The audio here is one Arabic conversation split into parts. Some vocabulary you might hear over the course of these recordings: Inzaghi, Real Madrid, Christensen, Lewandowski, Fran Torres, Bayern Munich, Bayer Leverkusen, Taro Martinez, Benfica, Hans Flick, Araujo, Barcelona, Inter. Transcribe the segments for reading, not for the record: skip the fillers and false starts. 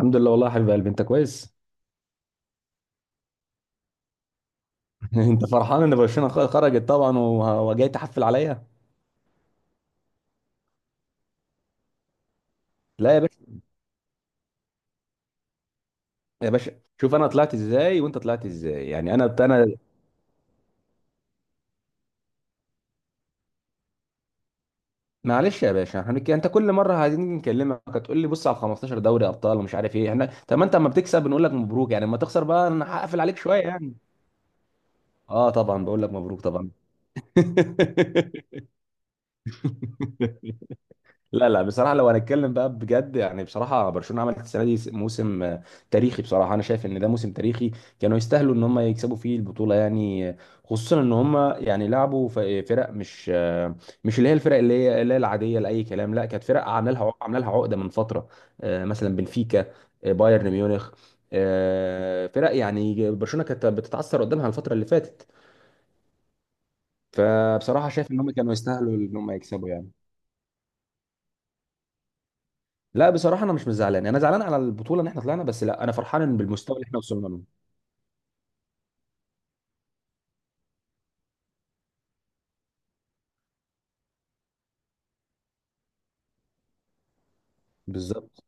الحمد لله والله يا حبيب قلبي، انت كويس؟ انت فرحان ان برشلونه خرجت، طبعا، وجاي تحفل عليا؟ لا يا باشا. يا باشا شوف انا طلعت ازاي وانت طلعت ازاي، يعني انا. معلش يا باشا احنا انت كل مره عايزين نكلمك هتقول لي بص على 15 دوري ابطال ومش عارف ايه، احنا طب ما انت اما بتكسب بنقول لك مبروك، يعني اما تخسر بقى انا هقفل عليك شويه يعني. اه طبعا بقول لك مبروك طبعا. لا لا، بصراحة لو هنتكلم بقى بجد يعني، بصراحة برشلونة عملت السنة دي موسم تاريخي. بصراحة أنا شايف إن ده موسم تاريخي. كانوا يستاهلوا إن هم يكسبوا فيه البطولة يعني، خصوصا إن هم يعني لعبوا فرق مش اللي هي الفرق اللي هي العادية لأي كلام، لا كانت فرق عاملة لها عقدة من فترة، مثلا بنفيكا، بايرن ميونخ، فرق يعني برشلونة كانت بتتعثر قدامها الفترة اللي فاتت. فبصراحة شايف إن هم كانوا يستاهلوا إن هم يكسبوا يعني. لا بصراحه انا مش زعلان، انا زعلان على البطوله ان احنا طلعنا بس، لا انا فرحان بالمستوى اللي احنا وصلنا له. بالظبط.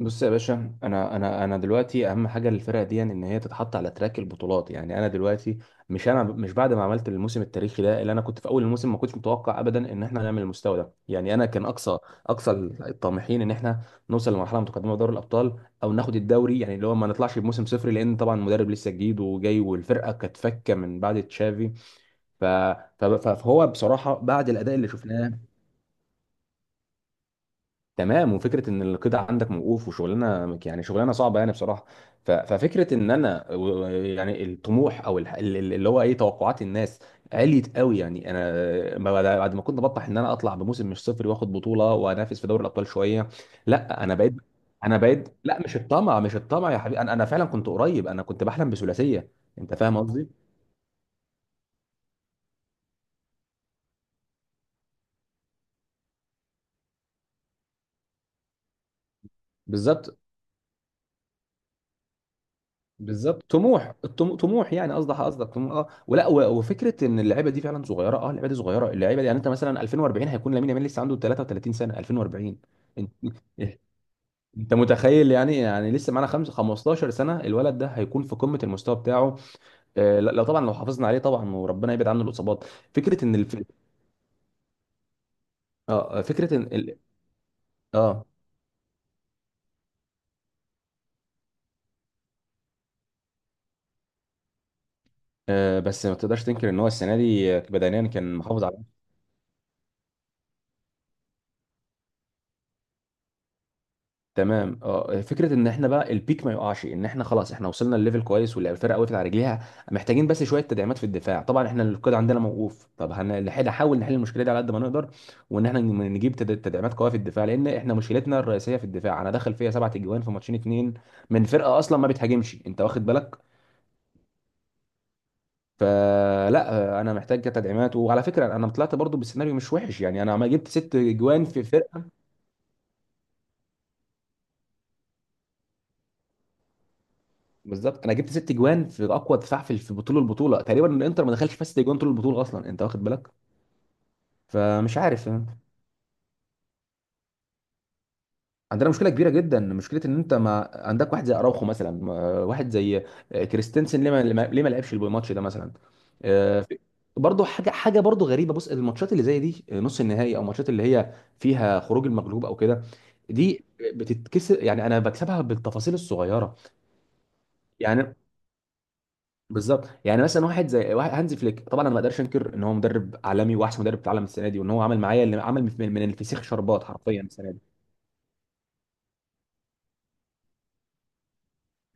بص يا باشا انا دلوقتي اهم حاجه للفرقه دي ان هي تتحط على تراك البطولات، يعني انا دلوقتي مش انا مش بعد ما عملت الموسم التاريخي ده، اللي انا كنت في اول الموسم ما كنتش متوقع ابدا ان احنا نعمل المستوى ده. يعني انا كان اقصى اقصى الطامحين ان احنا نوصل لمرحله متقدمه في دوري الابطال او ناخد الدوري، يعني اللي هو ما نطلعش بموسم صفر، لان طبعا المدرب لسه جديد وجاي والفرقه كانت فكه من بعد تشافي. ف... فهو بصراحه بعد الاداء اللي شفناه. تمام، وفكره ان القيد عندك موقوف وشغلانه، يعني شغلانه صعبه يعني بصراحه. ففكره ان انا يعني الطموح او اللي هو ايه، توقعات الناس عليت قوي يعني. انا بعد ما كنت بطمح ان انا اطلع بموسم مش صفر واخد بطوله وانافس في دوري الابطال شويه. لا انا بقيت، لا مش الطمع، مش الطمع يا حبيبي، انا فعلا كنت قريب، انا كنت بحلم بثلاثيه. انت فاهم قصدي؟ بالظبط. بالظبط طموح طموح، يعني قصدك طموح، اه، ولا وفكره ان اللعيبه دي فعلا صغيره، اه اللعيبه دي صغيره، اللعيبه دي يعني انت مثلا 2040 هيكون لامين يامال لسه عنده 33 سنه 2040. انت انت متخيل؟ يعني لسه معانا خمس 15 سنه الولد ده هيكون في قمه المستوى بتاعه. آه لا لا طبعا، لو حافظنا عليه طبعا وربنا يبعد عنه الاصابات. فكره ان الف. اه فكره ان ال. آه. اه بس ما تقدرش تنكر ان هو السنه دي بدنيا كان محافظ على. تمام. اه فكره ان احنا بقى البيك ما يقعش، ان احنا خلاص احنا وصلنا لليفل كويس والفرقه وقفت على رجليها. محتاجين بس شويه تدعيمات في الدفاع، طبعا احنا القيد عندنا موقوف، طب هنحاول، نحل المشكله دي على قد ما نقدر، وان احنا نجيب تدعيمات قويه في الدفاع، لان احنا مشكلتنا الرئيسيه في الدفاع. انا داخل فيها سبعة اجوان في ماتشين اتنين من فرقه اصلا ما بتهاجمش، انت واخد بالك؟ فلا، انا محتاج تدعيمات، وعلى فكره انا طلعت برضو بالسيناريو مش وحش، يعني انا ما جبت ست اجوان في فرقه. بالظبط. انا جبت ست جوان في اقوى دفاع في البطوله تقريبا، الانتر ما دخلش فيها ست جوان طول البطوله اصلا، انت واخد بالك؟ فمش عارف. عندنا مشكله كبيره جدا، مشكله ان انت ما عندك واحد زي اراوخو مثلا، واحد زي كريستنسن، ليه ما لعبش الماتش ده مثلا؟ آه، في- برضه حاجه برضه غريبه. بص الماتشات اللي زي دي، نص النهائي او الماتشات اللي هي فيها خروج المغلوب او كده، دي بتتكسر، يعني انا بكسبها بالتفاصيل الصغيره يعني. بالظبط، يعني مثلا واحد زي هانز فليك، طبعا انا ما اقدرش انكر ان هو مدرب عالمي واحسن مدرب في العالم السنه دي، وان هو عمل معايا اللي عمل، من الفسيخ شربات حرفيا السنه دي،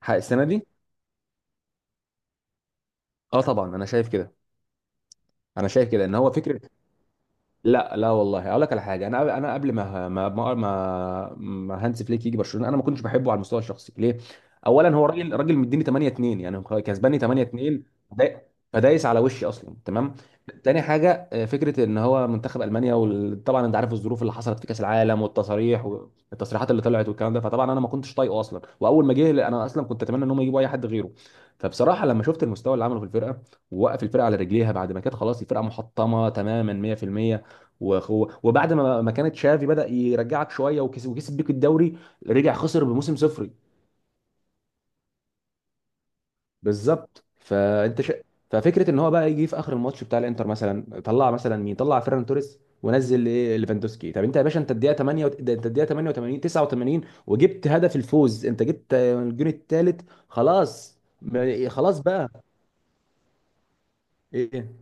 السنه دي. اه طبعا انا شايف كده، انا شايف كده ان هو فكره. لا لا والله، اقول لك على حاجه، انا قبل ما هانز فليك يجي برشلونه انا ما كنتش بحبه على المستوى الشخصي، ليه؟ اولا هو راجل، راجل مديني 8-2، يعني هو كسباني 8-2، فدا- فدايس على وشي اصلا، تمام. تاني حاجه، فكره ان هو منتخب المانيا، وطبعا انت عارف الظروف اللي حصلت في كاس العالم والتصاريح والتصريحات اللي طلعت والكلام ده، فطبعا انا ما كنتش طايقه اصلا، واول ما جه انا اصلا كنت اتمنى ان هم يجيبوا اي حد غيره. فبصراحه لما شفت المستوى اللي عمله في الفرقه ووقف الفرقه على رجليها، بعد ما كانت خلاص الفرقه محطمه تماما 100%، وبعد ما كانت شافي بدأ يرجعك شويه، وكسب بيك الدوري، رجع خسر بموسم صفري. بالظبط، فانت ففكره ان هو بقى يجي في اخر الماتش بتاع الانتر مثلا، طلع مثلا مين؟ طلع فيران توريس ونزل ايه، ليفاندوسكي. طب انت يا باشا، انت الدقيقه 8 ده انت الدقيقه 88 89 وجبت هدف الفوز، انت جبت الجون الثالث، خلاص خلاص بقى ايه.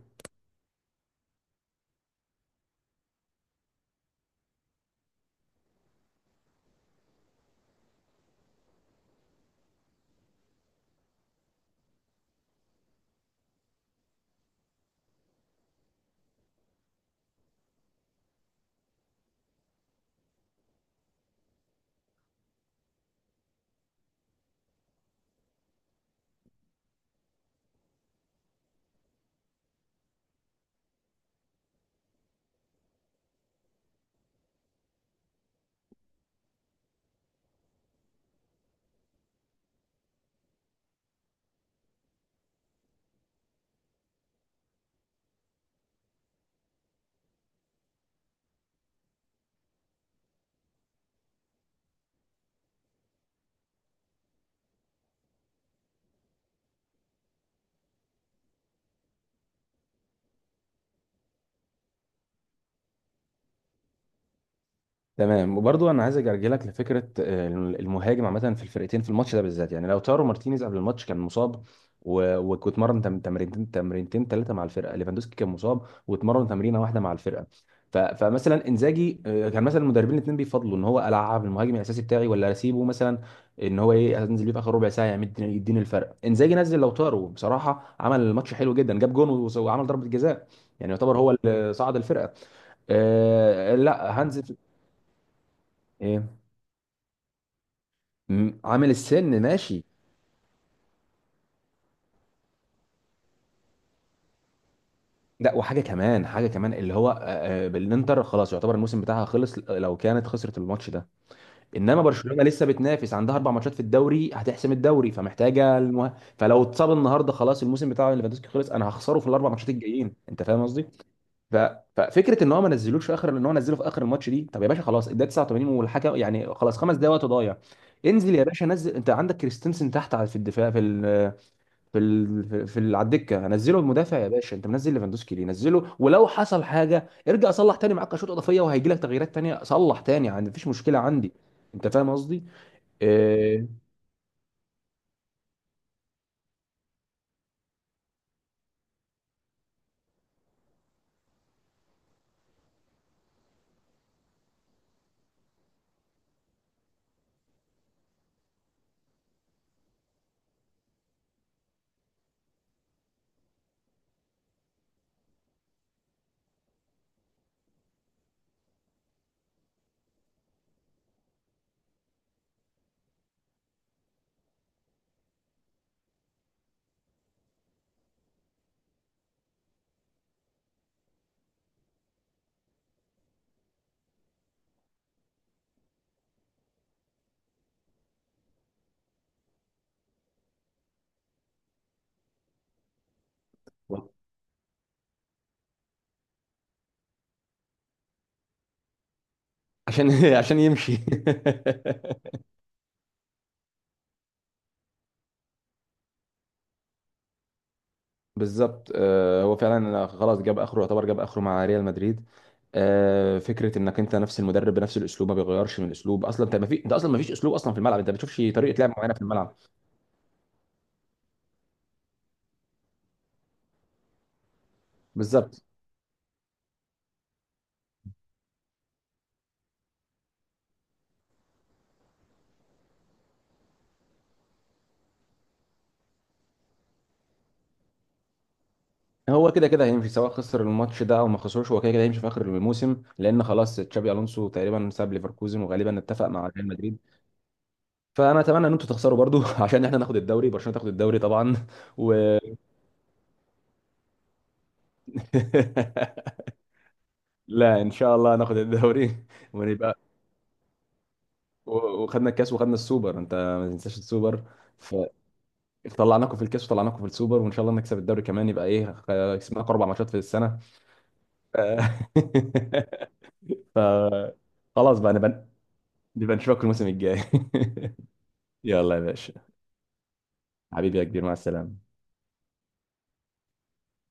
تمام، وبرضو انا عايز ارجع لك لفكره المهاجم عامه في الفرقتين في الماتش ده بالذات، يعني لو تارو مارتينيز قبل الماتش كان مصاب، واتمرن تمرينتين ثلاثه مع الفرقه، ليفاندوسكي كان مصاب واتمرن تمرينه واحده مع الفرقه. فمثلا انزاجي كان مثلا المدربين الاثنين بيفضلوا ان هو العب المهاجم الاساسي بتاعي ولا اسيبه مثلا، ان هو ايه انزل ليه في اخر ربع ساعه يديني، الفرق. انزاجي نزل لو تارو، بصراحه عمل الماتش حلو جدا، جاب جون وعمل ضربه جزاء، يعني يعتبر هو اللي صعد الفرقه. آه لا، هانز. إيه؟ عامل السن ماشي. لا وحاجه كمان، حاجه كمان اللي هو بالانتر خلاص يعتبر الموسم بتاعها خلص لو كانت خسرت الماتش ده، انما برشلونه لسه بتنافس عندها اربع ماتشات في الدوري هتحسم الدوري، فمحتاجه المه. فلو اتصاب النهارده خلاص الموسم بتاع ليفاندوسكي خلص، انا هخسره في الاربع ماتشات الجايين، انت فاهم قصدي؟ ف... ففكره ان هو ما نزلوش في اخر، ان هو نزله في اخر الماتش دي. طب يا باشا خلاص الدقيقه 89، والحكم يعني خلاص خمس دقايق وقت ضايع. انزل يا باشا، نزل، انت عندك كريستنسن تحت في الدفاع، في ال- في ال... في في ال... على الدكه هنزله المدافع يا باشا، انت منزل ليفاندوسكي ليه؟ نزله ولو حصل حاجه ارجع صلح تاني. معاك شوط اضافيه وهيجي لك تغييرات تانيه، صلح تاني عندي مفيش مشكله عندي. انت فاهم قصدي؟ إيه. عشان عشان يمشي بالظبط، هو فعلا خلاص جاب اخره، يعتبر جاب اخره مع ريال مدريد. فكره انك انت نفس المدرب بنفس الاسلوب، ما بيغيرش من الاسلوب اصلا، انت اصلا ما فيش اسلوب اصلا في الملعب، انت ما بتشوفش طريقه لعب معينه في الملعب. بالظبط. هو كده كده هيمشي، سواء خسر الماتش ده او ما خسروش هو كده كده هيمشي في اخر الموسم، لان خلاص تشابي الونسو تقريبا ساب ليفركوزن وغالبا اتفق مع ريال مدريد. فانا اتمنى ان انتوا تخسروا برضو عشان احنا ناخد الدوري، برشلونه تاخد الدوري طبعا. و لا ان شاء الله ناخد الدوري ونبقى، وخدنا الكاس وخدنا السوبر، انت ما تنساش السوبر. ف- فطلعناكم في الكاس وطلعناكم في السوبر، وان شاء الله نكسب الدوري كمان، يبقى ايه، كسبناكم اربع ماتشات في السنه. ف... خلاص بقى نبقى، بيبقى نشوفك الموسم الجاي يلا يا باشا. حبيبي يا كبير، مع السلامة.